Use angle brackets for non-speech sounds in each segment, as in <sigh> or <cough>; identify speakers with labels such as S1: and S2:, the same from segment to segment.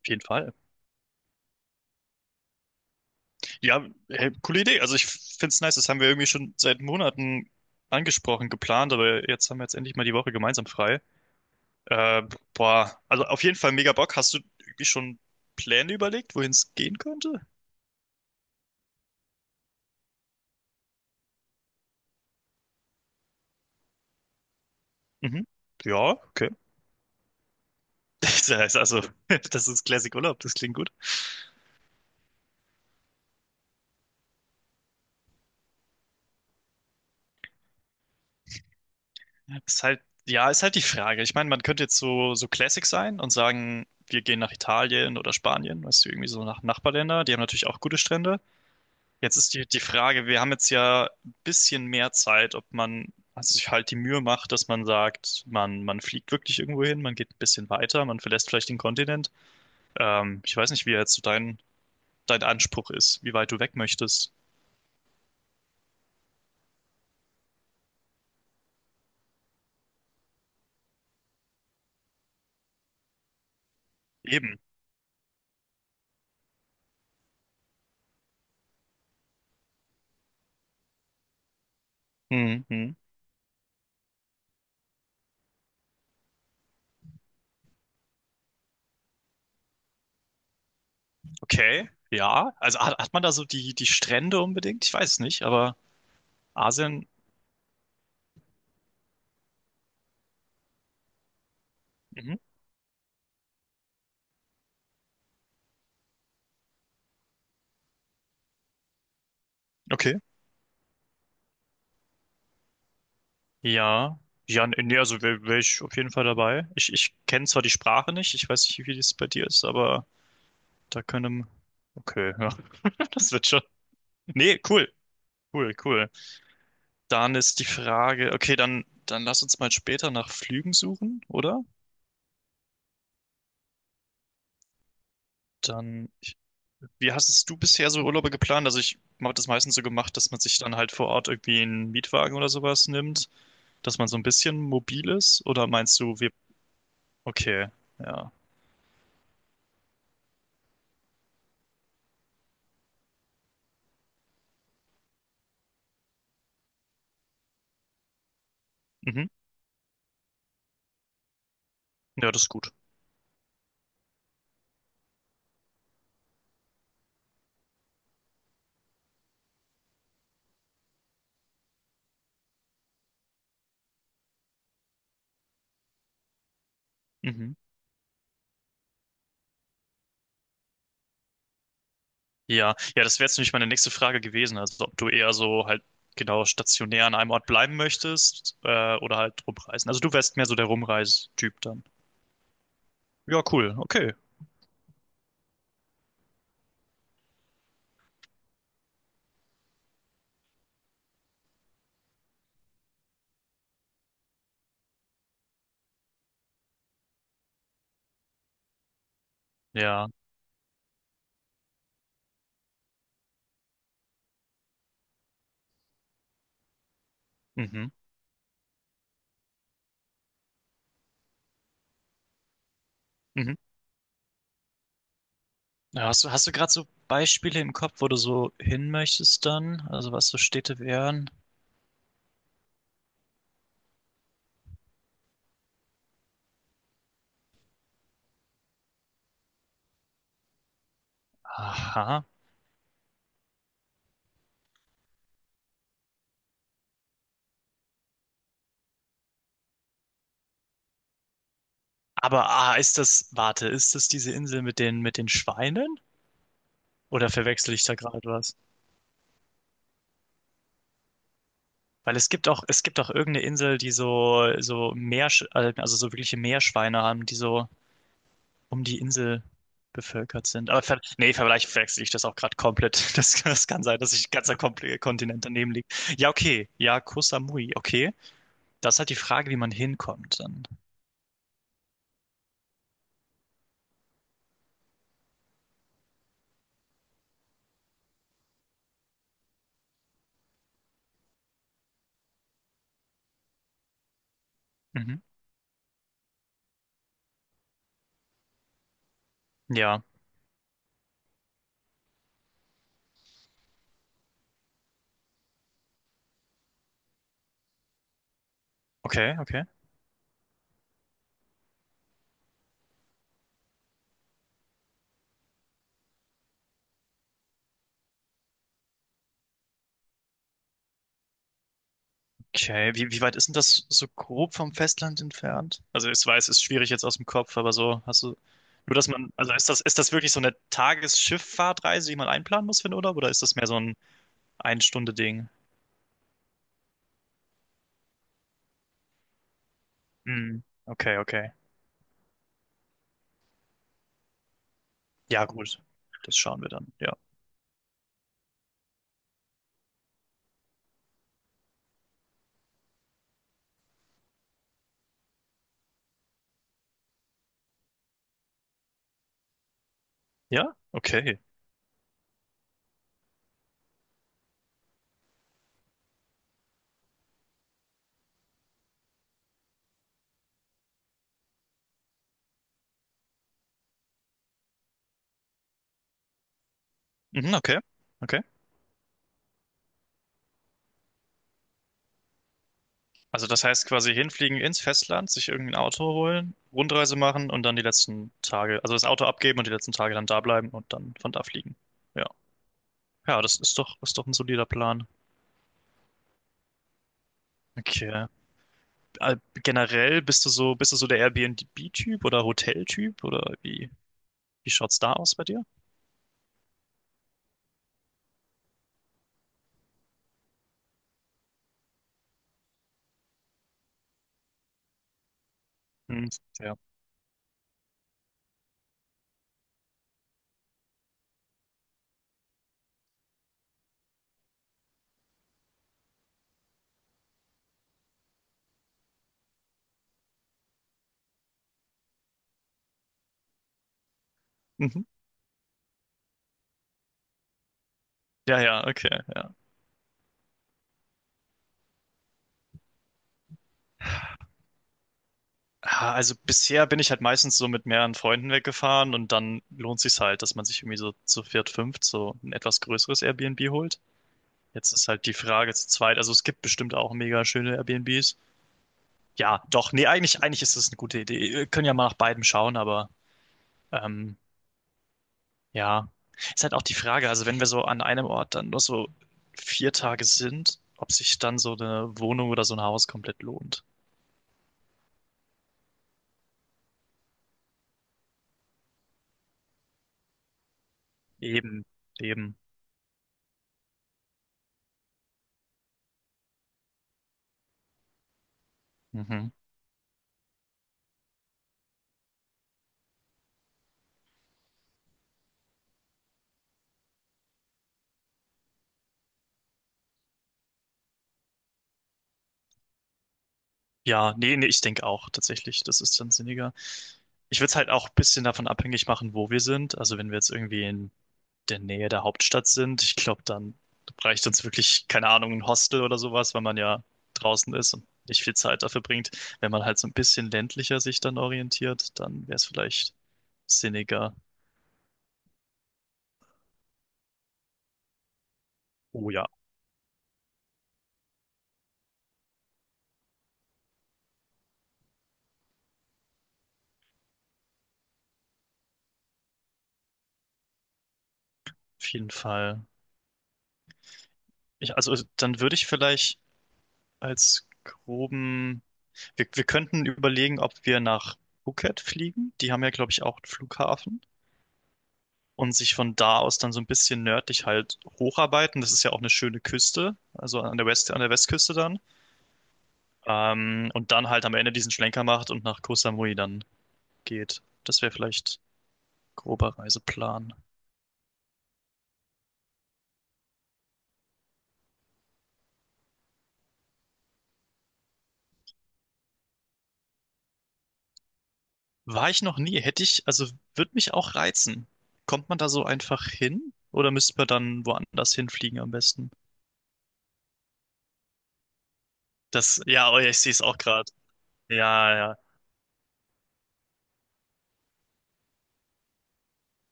S1: Auf jeden Fall. Ja, hey, coole Idee. Also ich finde es nice, das haben wir irgendwie schon seit Monaten angesprochen, geplant, aber jetzt haben wir jetzt endlich mal die Woche gemeinsam frei. Äh, Boah, also auf jeden Fall mega Bock. Hast du irgendwie schon Pläne überlegt, wohin es gehen könnte? Mhm. Ja, okay. <laughs> Das heißt also, <laughs> das ist Classic Urlaub, das klingt gut. Ist halt, ja, ist halt die Frage. Ich meine, man könnte jetzt so, so Classic sein und sagen, wir gehen nach Italien oder Spanien, weißt du, irgendwie so nach Nachbarländer, die haben natürlich auch gute Strände. Jetzt ist die Frage, wir haben jetzt ja ein bisschen mehr Zeit, ob man also sich halt die Mühe macht, dass man sagt, man fliegt wirklich irgendwo hin, man geht ein bisschen weiter, man verlässt vielleicht den Kontinent. Ich weiß nicht, wie jetzt so dein, dein Anspruch ist, wie weit du weg möchtest. Eben. Mhm. Okay, ja. Also hat, hat man da so die Strände unbedingt? Ich weiß es nicht, aber Asien, mhm. Okay. Ja. Ja, nee, also wäre wär ich auf jeden Fall dabei. Ich kenne zwar die Sprache nicht, ich weiß nicht, wie das bei dir ist, aber. Da können. Okay, ja, <laughs> das wird schon. Nee, cool, cool, cool. Dann ist die Frage, okay, dann, dann lass uns mal später nach Flügen suchen, oder? Dann, ich, wie hast es du bisher so Urlaube geplant? Also ich habe das meistens so gemacht, dass man sich dann halt vor Ort irgendwie einen Mietwagen oder sowas nimmt, dass man so ein bisschen mobil ist. Oder meinst du, wir, okay, ja, mhm, ja, das ist gut. Mhm. Ja, ja, das wäre jetzt nämlich meine nächste Frage gewesen. Also, ob du eher so halt genau stationär an einem Ort bleiben möchtest, oder halt rumreisen. Also, du wärst mehr so der Rumreistyp dann. Ja, cool. Okay. Ja. Mhm. Mhm. Ja, hast du gerade so Beispiele im Kopf, wo du so hin möchtest dann? Also, was so Städte wären? Aha. Aber, ah, ist das, warte, ist das diese Insel mit den Schweinen? Oder verwechsel ich da gerade was? Weil es gibt auch irgendeine Insel, die so, so Meer, also so wirkliche Meerschweine haben, die so um die Insel bevölkert sind. Aber ver nee, vielleicht verwechsel ich das auch gerade komplett. <laughs> Das, das kann sein, dass ich ein ganzer Kontinent daneben liegt. Ja, okay. Ja, Koh Samui, okay. Das ist halt die Frage, wie man hinkommt dann. Mhm. Ja, okay, okay. Okay, wie, wie weit ist denn das so grob vom Festland entfernt? Also ich weiß, ist schwierig jetzt aus dem Kopf, aber so hast du nur, dass man, also ist das wirklich so eine Tagesschifffahrtreise, die man einplanen muss für den Urlaub, oder ist das mehr so ein Ein-Stunde-Ding? Hm, okay, okay. Ja, gut. Das schauen wir dann. Ja. Ja? Okay. Mhm, okay. Okay. Also das heißt quasi hinfliegen ins Festland, sich irgendein Auto holen, Rundreise machen und dann die letzten Tage, also das Auto abgeben und die letzten Tage dann da bleiben und dann von da fliegen. Ja. Ja, das ist doch ein solider Plan. Okay. Äh, Generell bist du so der Airbnb-Typ oder Hotel-Typ oder wie, wie schaut's da aus bei dir? Hm, ja. Mhm. Ja, ja, okay, ja. Ah, also bisher bin ich halt meistens so mit mehreren Freunden weggefahren und dann lohnt sich's halt, dass man sich irgendwie so zu viert, fünft so ein etwas größeres Airbnb holt. Jetzt ist halt die Frage zu zweit, also es gibt bestimmt auch mega schöne Airbnbs. Ja, doch, nee, eigentlich, eigentlich ist das eine gute Idee. Wir können ja mal nach beidem schauen, aber ähm, ja, ist halt auch die Frage, also wenn wir so an einem Ort dann nur so vier Tage sind, ob sich dann so eine Wohnung oder so ein Haus komplett lohnt. Eben, eben. Mhm. Ja, nee, nee, ich denke auch tatsächlich, das ist dann sinniger. Ich würde es halt auch ein bisschen davon abhängig machen, wo wir sind. Also wenn wir jetzt irgendwie in der Nähe der Hauptstadt sind. Ich glaube, dann reicht uns wirklich, keine Ahnung, ein Hostel oder sowas, weil man ja draußen ist und nicht viel Zeit dafür bringt. Wenn man halt so ein bisschen ländlicher sich dann orientiert, dann wäre es vielleicht sinniger. Oh ja, auf jeden Fall. Ich, also dann würde ich vielleicht als groben, wir könnten überlegen, ob wir nach Phuket fliegen. Die haben ja, glaube ich, auch einen Flughafen. Und sich von da aus dann so ein bisschen nördlich halt hocharbeiten. Das ist ja auch eine schöne Küste, also an der West, an der Westküste dann. Und dann halt am Ende diesen Schlenker macht und nach Koh Samui dann geht. Das wäre vielleicht grober Reiseplan. War ich noch nie, hätte ich, also würde mich auch reizen. Kommt man da so einfach hin oder müsste man dann woanders hinfliegen am besten? Das, ja, oh, ja, ich sehe es auch gerade. Ja, ja,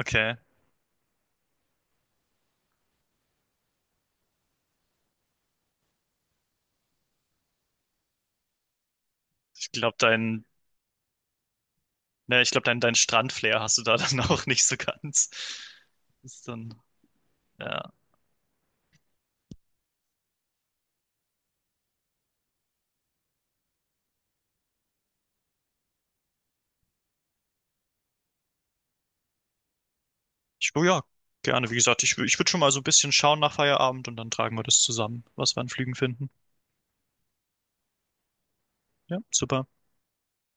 S1: okay. Ich glaube, dein, ne, ich glaube, dein, dein Strandflair hast du da <laughs> dann auch nicht so ganz. Ist dann, ja. Ich, oh ja, gerne. Wie gesagt, ich, ich würde schon mal so ein bisschen schauen nach Feierabend und dann tragen wir das zusammen, was wir an Flügen finden. Ja, super.